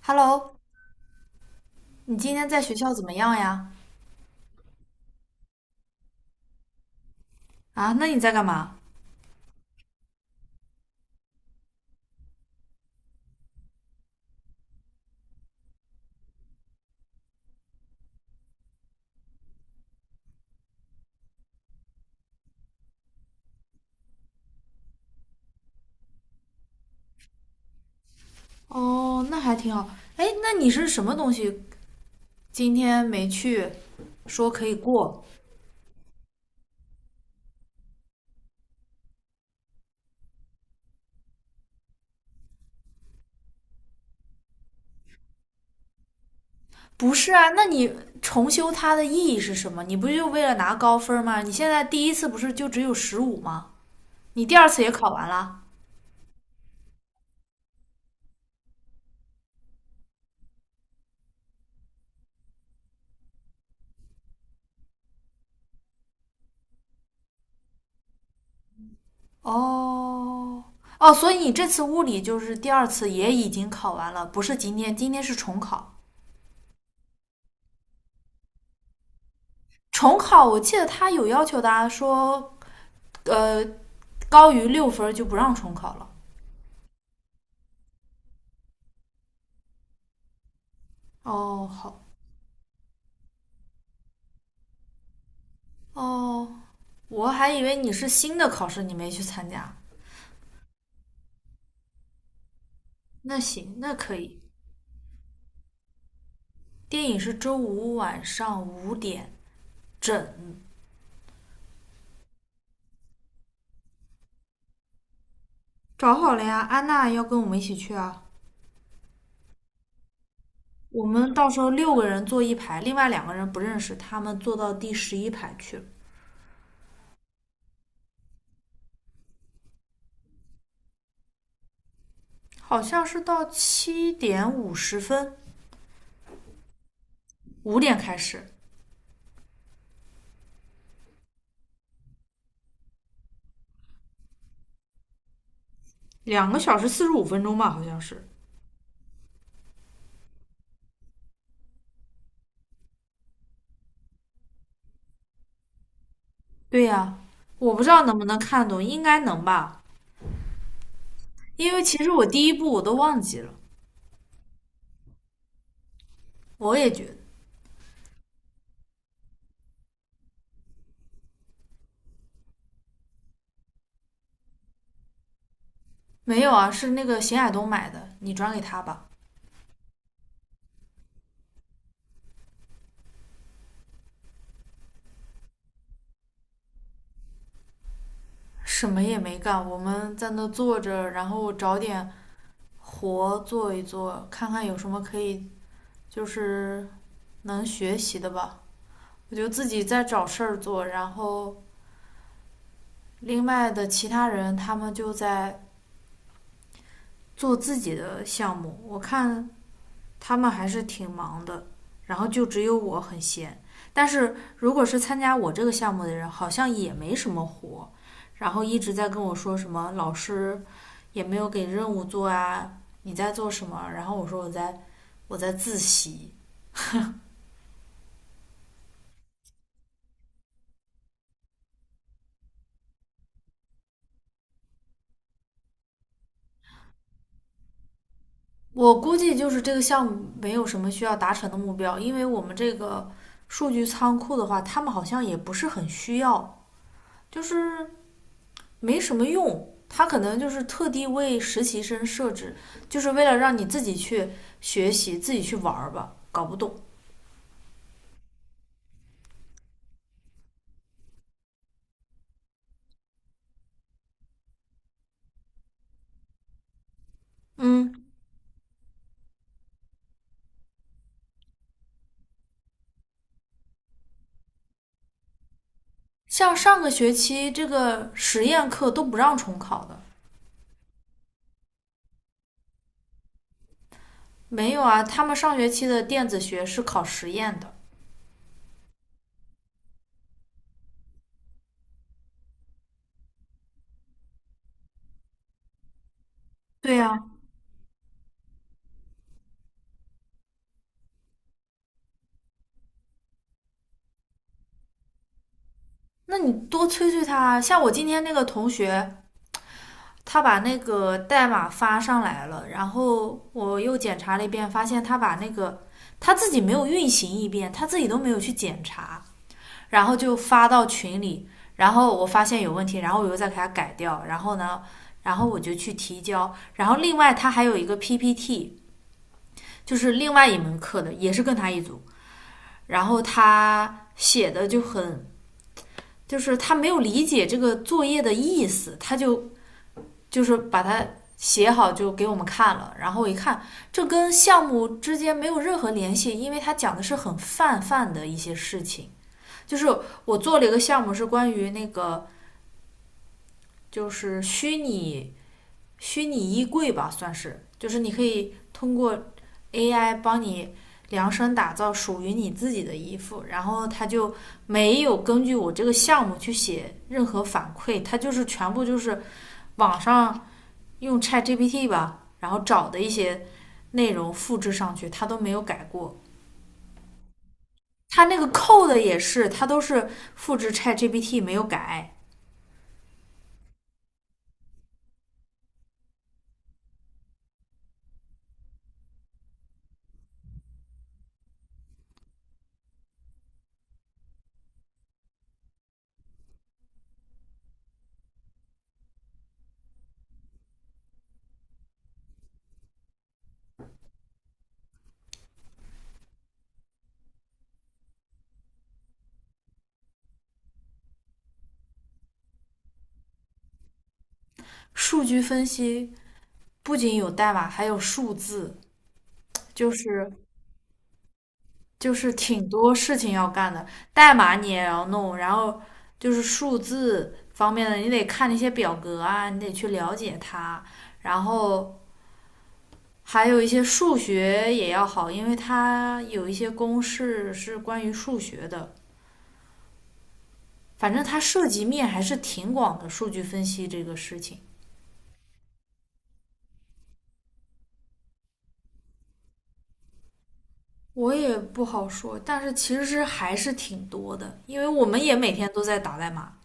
Hello，你今天在学校怎么样呀？啊，那你在干嘛？哦，那还挺好。哎，那你是什么东西今天没去，说可以过？不是啊，那你重修它的意义是什么？你不就为了拿高分吗？你现在第一次不是就只有十五吗？你第二次也考完了？哦，哦，所以你这次物理就是第二次也已经考完了，不是今天，今天是重考。重考我记得他有要求的啊，说呃高于六分就不让重考了。哦，好，哦，我还以为你是新的考试，你没去参加。那行，那可以。电影是周五晚上5点整，找好了呀。安娜要跟我们一起去啊。我们到时候6个人坐一排，另外2个人不认识，他们坐到第11排去了，好像是到7:50，五点开始。2个小时45分钟吧，好像是。对呀、啊我不知道能不能看懂，应该能吧。因为其实我第一步我都忘记了，我也觉得没有啊，是那个邢亚东买的，你转给他吧。什么也没干，我们在那坐着，然后找点活做一做，看看有什么可以就是能学习的吧。我就自己在找事儿做，然后另外的其他人他们就在做自己的项目。我看他们还是挺忙的，然后就只有我很闲。但是如果是参加我这个项目的人，好像也没什么活，然后一直在跟我说什么老师也没有给任务做啊，你在做什么？然后我说我在自习。我估计就是这个项目没有什么需要达成的目标，因为我们这个数据仓库的话，他们好像也不是很需要，就是没什么用。他可能就是特地为实习生设置，就是为了让你自己去学习、自己去玩儿吧，搞不懂。嗯，像上个学期这个实验课都不让重考的，没有啊，他们上学期的电子学是考实验的。对呀、那你多催催他啊像我今天那个同学，他把那个代码发上来了，然后我又检查了一遍，发现他把那个他自己没有运行一遍，他自己都没有去检查。然后就发到群里，然后我发现有问题，然后我又再给他改掉，然后呢，然后我就去提交，然后另外他还有一个 PPT，就是另外一门课的，也是跟他一组，然后他写的就很，就是他没有理解这个作业的意思，他就就是把它写好就给我们看了，然后我一看，这跟项目之间没有任何联系，因为他讲的是很泛泛的一些事情，就是我做了一个项目是关于那个。就是虚拟衣柜吧，算是，就是你可以通过 AI 帮你量身打造属于你自己的衣服，然后它就没有根据我这个项目去写任何反馈，它就是全部就是网上用 ChatGPT 吧，然后找的一些内容复制上去，它都没有改过。它那个 code 也是，它都是复制 ChatGPT 没有改。数据分析不仅有代码，还有数字，就是就是挺多事情要干的，代码你也要弄，然后就是数字方面的，你得看那些表格啊，你得去了解它，然后还有一些数学也要好，因为它有一些公式是关于数学的，反正它涉及面还是挺广的，数据分析这个事情。我也不好说，但是其实还是挺多的，因为我们也每天都在打代码。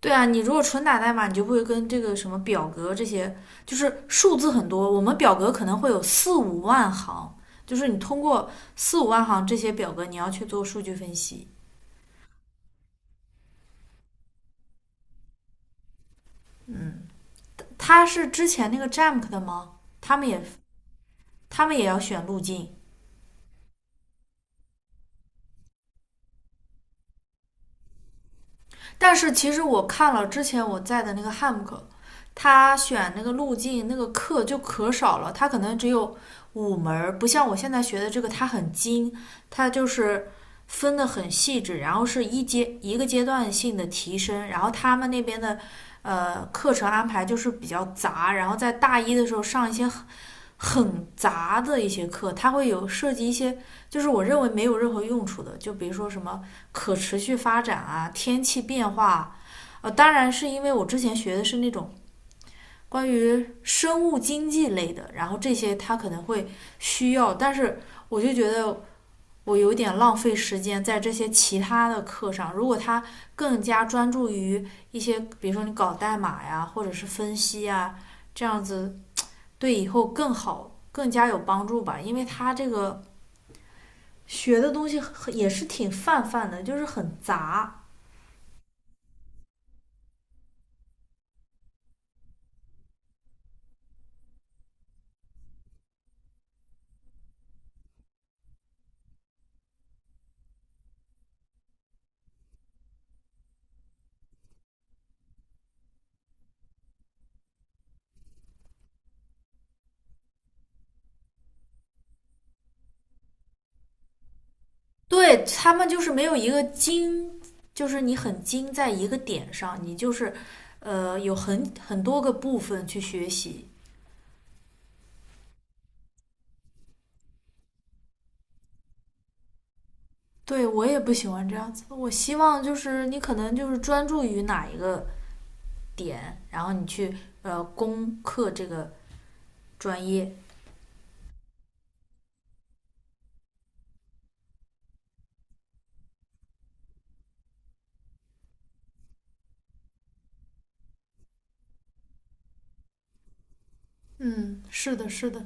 对啊，你如果纯打代码，你就不会跟这个什么表格这些，就是数字很多。我们表格可能会有四五万行，就是你通过四五万行这些表格，你要去做数据分析。嗯，他是之前那个 Jamk 的吗？他们也他们也要选路径，但是其实我看了之前我在的那个汉姆课，他选那个路径那个课就可少了，他可能只有5门不像我现在学的这个，它很精，它就是分的很细致，然后是一阶一个阶段性的提升，然后他们那边的。课程安排就是比较杂，然后在大一的时候上一些很杂的一些课，它会有涉及一些，就是我认为没有任何用处的，就比如说什么可持续发展啊、天气变化啊，当然是因为我之前学的是那种关于生物经济类的，然后这些它可能会需要，但是我就觉得我有点浪费时间在这些其他的课上，如果他更加专注于一些，比如说你搞代码呀，或者是分析啊，这样子对以后更好、更加有帮助吧。因为他这个学的东西很也是挺泛泛的，就是很杂。对他们就是没有一个精，就是你很精在一个点上，你就是有很多个部分去学习。对我也不喜欢这样子，我希望就是你可能就是专注于哪一个点，然后你去攻克这个专业。嗯，是的，是的。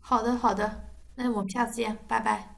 好的，好的。那我们下次见，拜拜。